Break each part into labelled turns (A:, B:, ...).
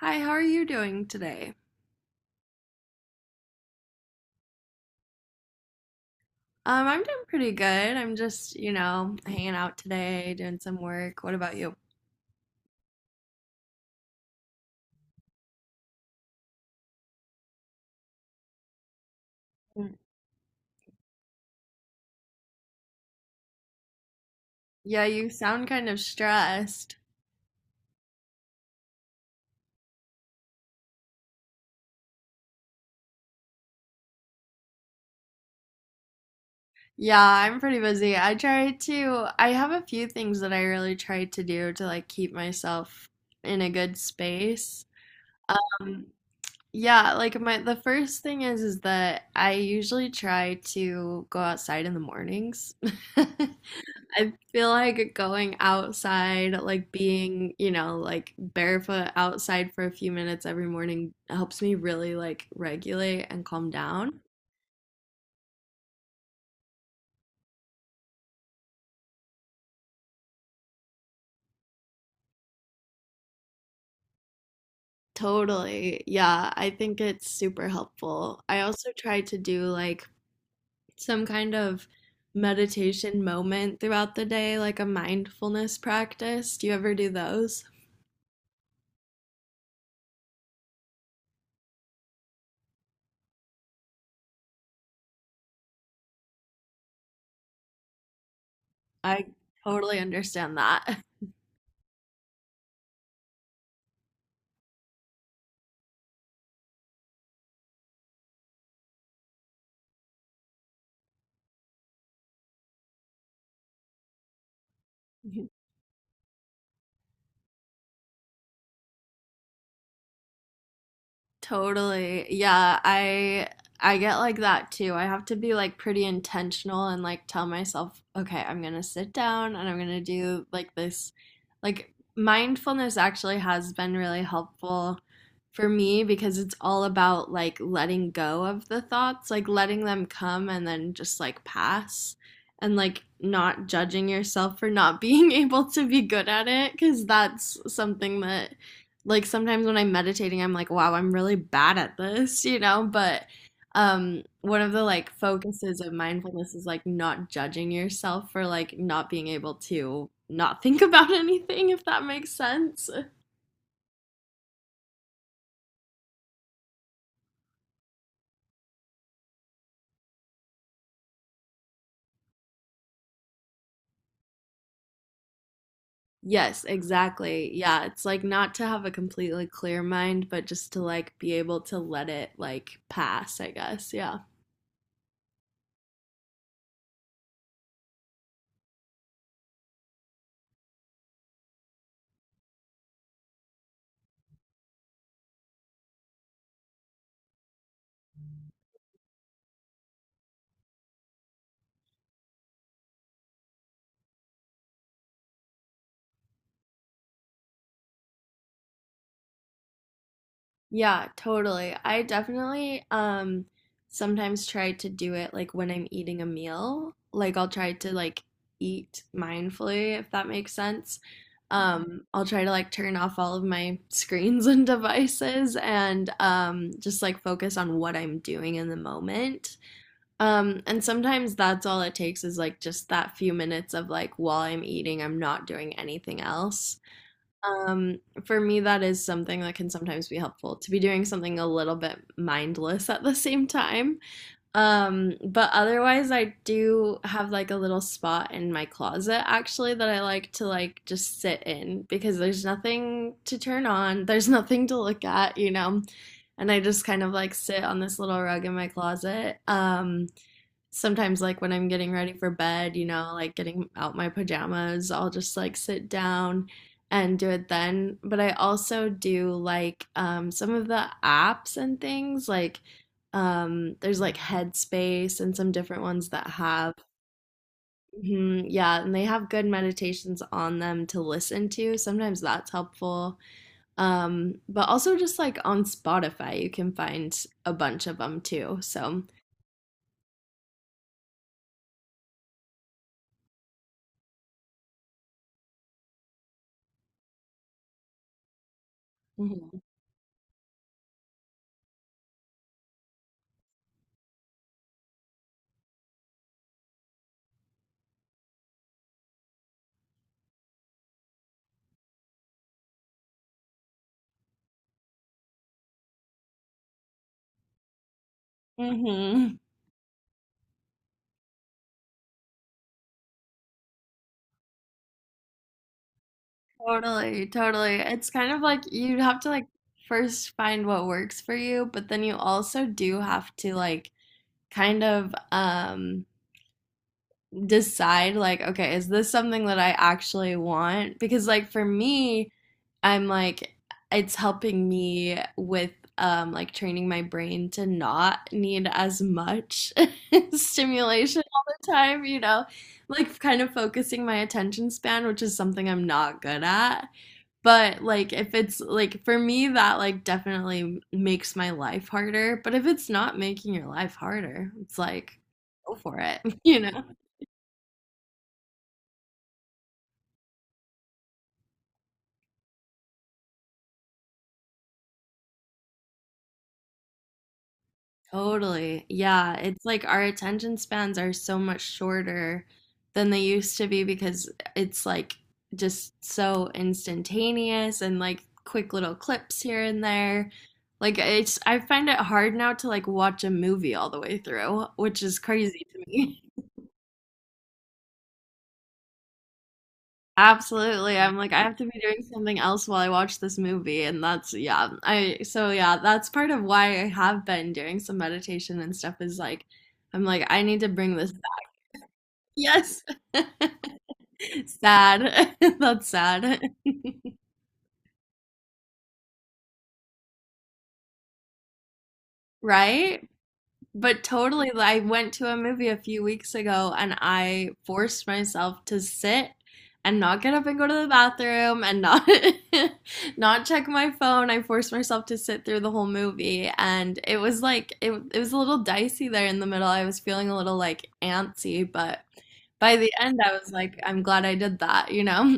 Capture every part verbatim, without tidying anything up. A: Hi, how are you doing today? Um, I'm doing pretty good. I'm just, you know, hanging out today, doing some work. What about you? Mm. Yeah, you sound kind of stressed. Yeah, I'm pretty busy. I try to, I have a few things that I really try to do to like keep myself in a good space. Um, Yeah, like my the first thing is is that I usually try to go outside in the mornings. I feel like going outside, like being, you know, like barefoot outside for a few minutes every morning helps me really like regulate and calm down. Totally. Yeah, I think it's super helpful. I also try to do like some kind of meditation moment throughout the day, like a mindfulness practice. Do you ever do those? I totally understand that. Yeah. Totally. Yeah, I I get like that too. I have to be like pretty intentional and like tell myself, okay, I'm gonna sit down and I'm gonna do like this. Like mindfulness actually has been really helpful for me because it's all about like letting go of the thoughts, like letting them come and then just like pass and like not judging yourself for not being able to be good at it because that's something that like sometimes when I'm meditating, I'm like, wow, I'm really bad at this, you know? But um, one of the like focuses of mindfulness is like not judging yourself for like not being able to not think about anything, if that makes sense. Yes, exactly. Yeah, it's like not to have a completely clear mind, but just to like be able to let it like pass, I guess. Yeah. Yeah, totally. I definitely um sometimes try to do it like when I'm eating a meal. Like I'll try to like eat mindfully if that makes sense. Um I'll try to like turn off all of my screens and devices and um just like focus on what I'm doing in the moment. Um and sometimes that's all it takes is like just that few minutes of like while I'm eating, I'm not doing anything else. Um, for me, that is something that can sometimes be helpful to be doing something a little bit mindless at the same time. Um, but otherwise, I do have like a little spot in my closet actually that I like to like just sit in because there's nothing to turn on, there's nothing to look at, you know. And I just kind of like sit on this little rug in my closet. Um, sometimes like when I'm getting ready for bed, you know, like getting out my pajamas, I'll just like sit down and do it then. But I also do like um some of the apps and things like um there's like Headspace and some different ones that have. Mhm, yeah, and they have good meditations on them to listen to. Sometimes that's helpful. Um, but also just like on Spotify, you can find a bunch of them too. So, mhm. Mhm. Totally, totally. It's kind of like you have to like first find what works for you, but then you also do have to like kind of um decide like, okay, is this something that I actually want? Because like for me, I'm like it's helping me with um like training my brain to not need as much stimulation all the time, you know, like kind of focusing my attention span, which is something I'm not good at. But like if it's like for me that like definitely makes my life harder, but if it's not making your life harder, it's like go for it, you know? Totally. Yeah, it's like our attention spans are so much shorter than they used to be because it's like just so instantaneous and like quick little clips here and there. Like it's I find it hard now to like watch a movie all the way through, which is crazy to me. Absolutely. I'm like, I have to be doing something else while I watch this movie. And that's, yeah. I, so yeah, that's part of why I have been doing some meditation and stuff is like, I'm like, I need to bring this back. Yes. Sad. That's sad. Right? But totally, I went to a movie a few weeks ago and I forced myself to sit and not get up and go to the bathroom and not not check my phone. I forced myself to sit through the whole movie and it was like it, it was a little dicey there in the middle. I was feeling a little like antsy, but by the end I was like, I'm glad I did that, you know?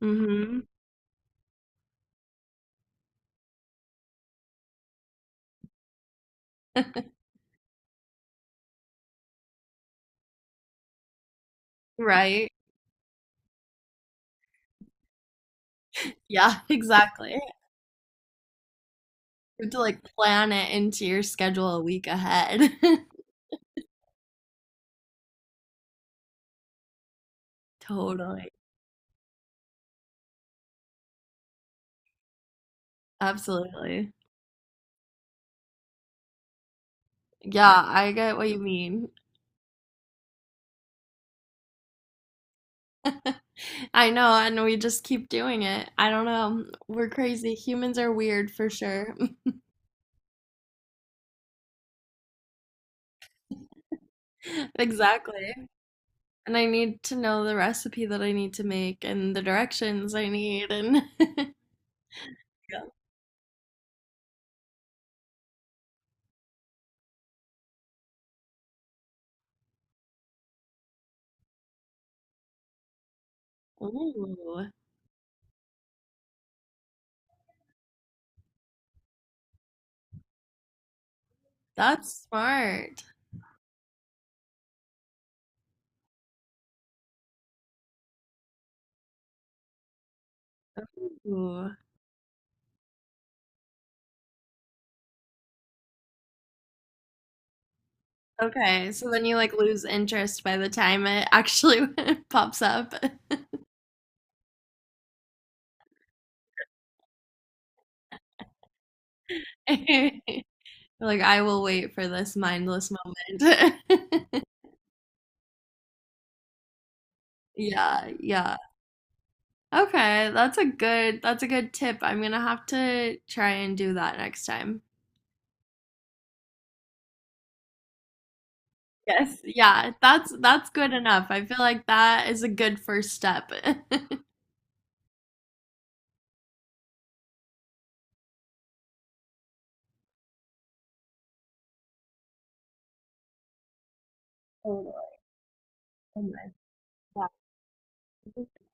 A: Hmm. Right. Yeah, exactly. You have to like plan it into your schedule a week ahead. Totally. Absolutely. Yeah, I get what you mean. I know, and we just keep doing it. I don't know. We're crazy. Humans are weird for sure. Exactly. And I need to know the recipe that I need to make and the directions I need and yeah. Ooh, that's smart. Ooh. Okay, so then you like lose interest by the time it actually pops up. You're like, I will wait for this mindless moment. Yeah, yeah. Okay, that's a good that's a good tip. I'm gonna have to try and do that next time. Yes, yeah, that's that's good enough. I feel like that is a good first step. Totally. Oh my God.